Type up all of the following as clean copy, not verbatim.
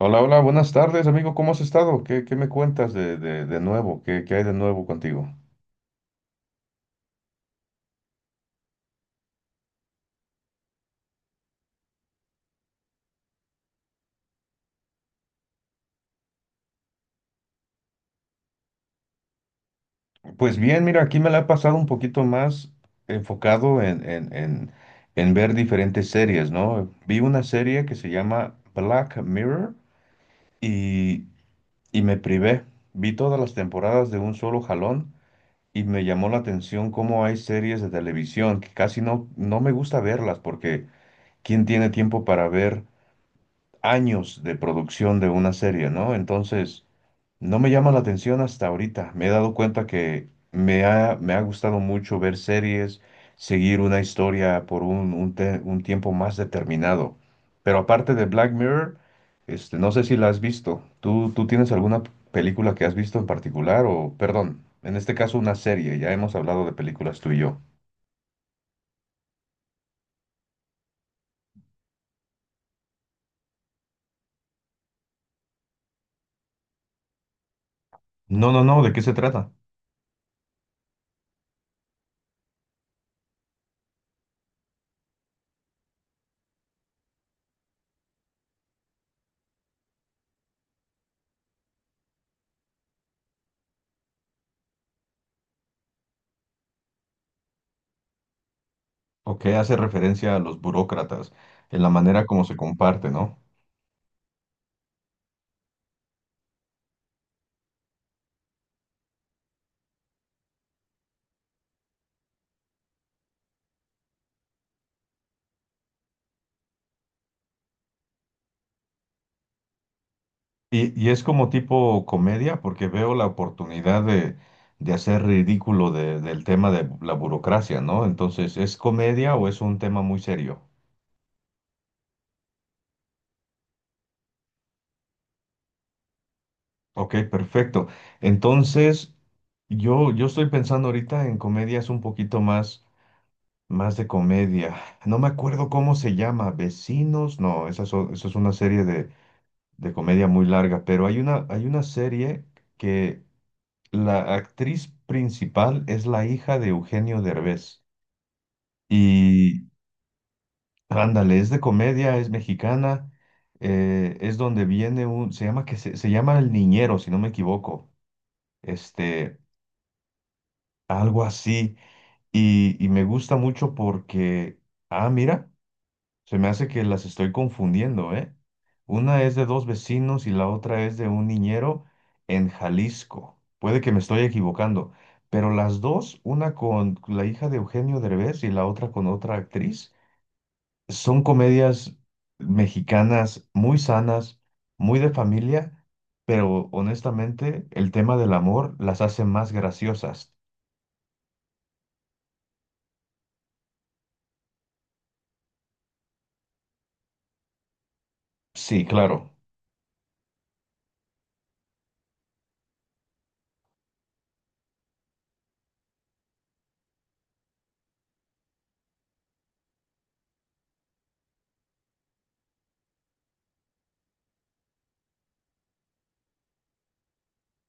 Hola, hola, buenas tardes, amigo. ¿Cómo has estado? ¿Qué, qué me cuentas de nuevo? Qué hay de nuevo contigo? Pues bien, mira, aquí me la he pasado un poquito más enfocado en ver diferentes series, ¿no? Vi una serie que se llama Black Mirror y, y me privé. Vi todas las temporadas de un solo jalón y me llamó la atención cómo hay series de televisión que casi no me gusta verlas porque ¿quién tiene tiempo para ver años de producción de una serie, ¿no? Entonces, no me llama la atención hasta ahorita. Me he dado cuenta que me ha gustado mucho ver series, seguir una historia por un tiempo más determinado. Pero aparte de Black Mirror, este, no sé si la has visto. Tú tienes alguna película que has visto en particular o, perdón, en este caso una serie? Ya hemos hablado de películas tú y yo. No, no, no, ¿de qué se trata? ¿O qué hace referencia a los burócratas en la manera como se comparte, ¿no? Y es como tipo comedia, porque veo la oportunidad de hacer ridículo del tema de la burocracia, ¿no? Entonces, ¿es comedia o es un tema muy serio? Ok, perfecto. Entonces, yo estoy pensando ahorita en comedias un poquito más, más de comedia. No me acuerdo cómo se llama, Vecinos, no, esa es una serie de comedia muy larga, pero hay una serie que la actriz principal es la hija de Eugenio Derbez. Y ándale, es de comedia, es mexicana, es donde viene un, se llama El Niñero, si no me equivoco, este, algo así. Y me gusta mucho porque, ah, mira, se me hace que las estoy confundiendo, ¿eh? Una es de dos vecinos y la otra es de un niñero en Jalisco. Puede que me estoy equivocando, pero las dos, una con la hija de Eugenio Derbez y la otra con otra actriz. Son comedias mexicanas muy sanas, muy de familia, pero honestamente el tema del amor las hace más graciosas. Sí, claro.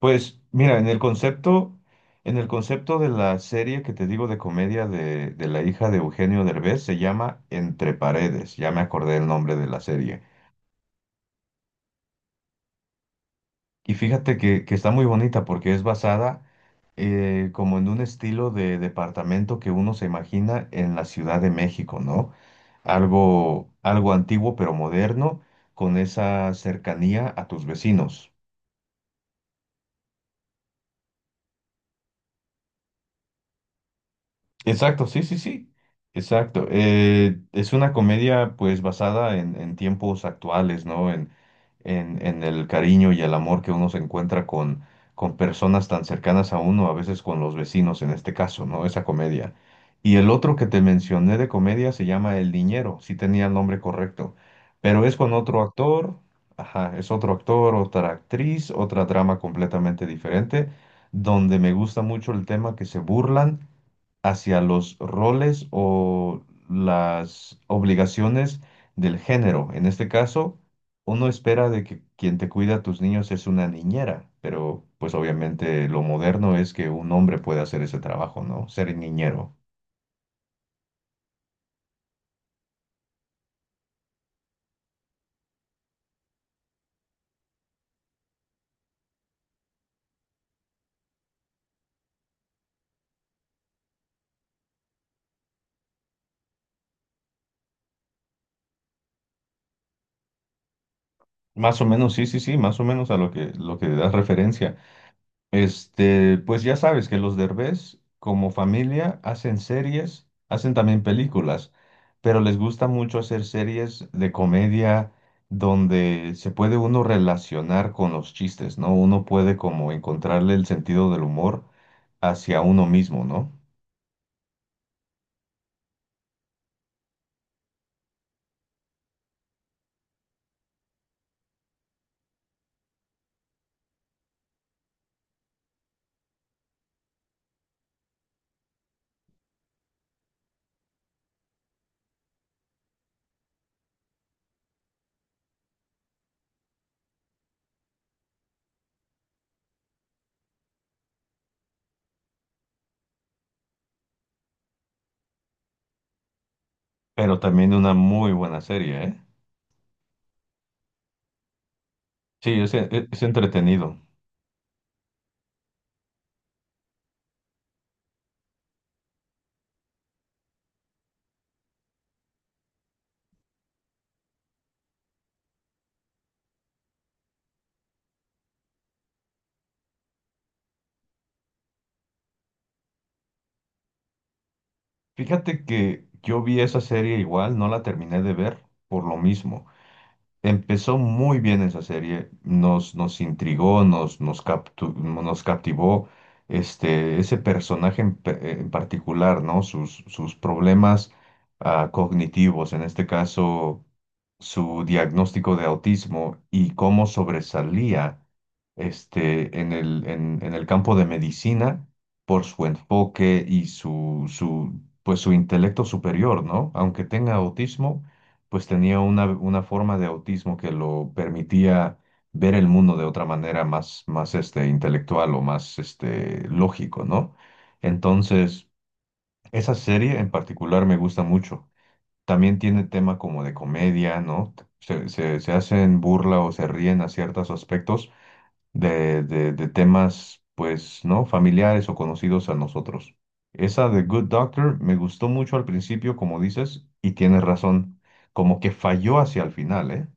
Pues mira, en el concepto de la serie que te digo de comedia de la hija de Eugenio Derbez se llama Entre Paredes, ya me acordé el nombre de la serie. Y fíjate que está muy bonita porque es basada como en un estilo de departamento que uno se imagina en la Ciudad de México, ¿no? Algo, algo antiguo pero moderno, con esa cercanía a tus vecinos. Exacto, sí, sí, sí, exacto. Es una comedia pues basada en tiempos actuales, ¿no? En el cariño y el amor que uno se encuentra con personas tan cercanas a uno, a veces con los vecinos en este caso, ¿no? Esa comedia. Y el otro que te mencioné de comedia se llama El Niñero, sí tenía el nombre correcto, pero es con otro actor, ajá, es otro actor, otra actriz, otra trama completamente diferente, donde me gusta mucho el tema que se burlan hacia los roles o las obligaciones del género. En este caso, uno espera de que quien te cuida a tus niños es una niñera, pero pues obviamente lo moderno es que un hombre puede hacer ese trabajo, ¿no? Ser niñero. Más o menos, sí, sí, sí, más o menos a lo que das referencia. Este, pues ya sabes que los Derbez, como familia, hacen series, hacen también películas, pero les gusta mucho hacer series de comedia donde se puede uno relacionar con los chistes, ¿no? Uno puede como encontrarle el sentido del humor hacia uno mismo, ¿no? Pero también una muy buena serie, ¿eh? Sí, es entretenido. Fíjate que yo vi esa serie igual, no la terminé de ver por lo mismo. Empezó muy bien esa serie, nos, nos intrigó, nos, nos, captu- nos captivó este, ese personaje en particular, ¿no? Sus problemas ah, cognitivos, en este caso su diagnóstico de autismo y cómo sobresalía este, en el campo de medicina por su enfoque y pues, su intelecto superior, ¿no? Aunque tenga autismo pues tenía una forma de autismo que lo permitía ver el mundo de otra manera más, más este, intelectual o más este, lógico, ¿no? Entonces, esa serie en particular me gusta mucho. También tiene tema como de comedia, ¿no? Se hacen burla o se ríen a ciertos aspectos, de temas, pues, ¿no? Familiares o conocidos a nosotros. Esa de Good Doctor me gustó mucho al principio, como dices, y tienes razón, como que falló hacia el final, ¿eh?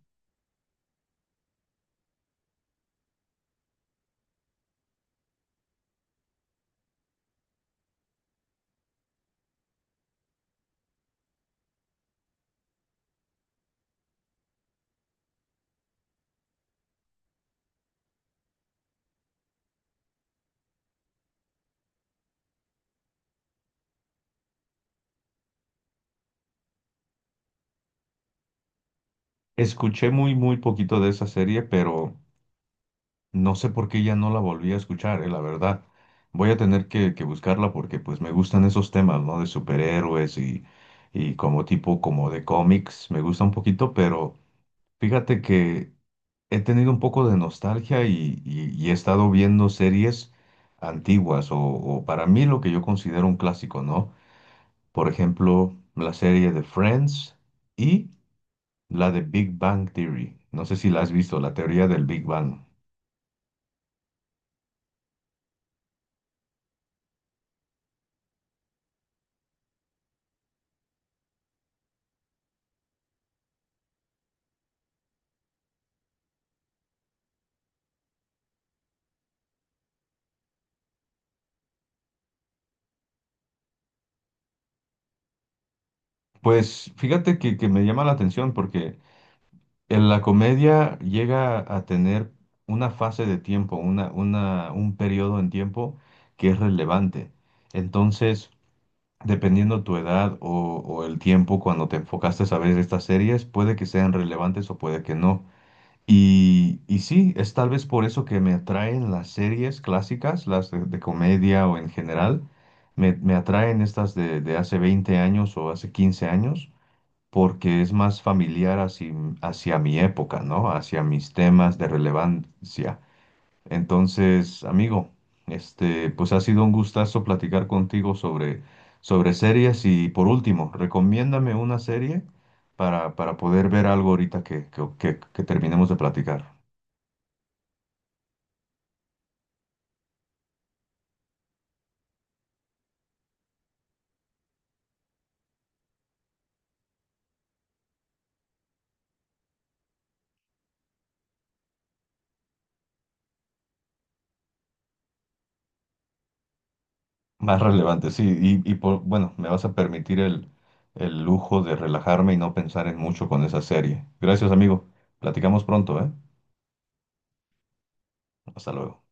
Escuché muy, muy poquito de esa serie, pero no sé por qué ya no la volví a escuchar, ¿eh? La verdad. Voy a tener que buscarla porque pues me gustan esos temas, ¿no? De superhéroes y como tipo como de cómics, me gusta un poquito, pero fíjate que he tenido un poco de nostalgia y, y he estado viendo series antiguas o para mí lo que yo considero un clásico, ¿no? Por ejemplo, la serie de Friends y la de Big Bang Theory. No sé si la has visto, la teoría del Big Bang. Pues fíjate que me llama la atención porque en la comedia llega a tener una fase de tiempo, un periodo en tiempo que es relevante. Entonces, dependiendo tu edad o el tiempo cuando te enfocaste a ver estas series, puede que sean relevantes o puede que no. Y sí, es tal vez por eso que me atraen las series clásicas, las de comedia o en general. Me atraen estas de hace 20 años o hace 15 años, porque es más familiar hacia, hacia mi época, ¿no? Hacia mis temas de relevancia. Entonces, amigo, este, pues ha sido un gustazo platicar contigo sobre, sobre series y por último, recomiéndame una serie para poder ver algo ahorita que, que terminemos de platicar. Más relevante, sí, y por, bueno, me vas a permitir el lujo de relajarme y no pensar en mucho con esa serie. Gracias, amigo. Platicamos pronto, ¿eh? Hasta luego.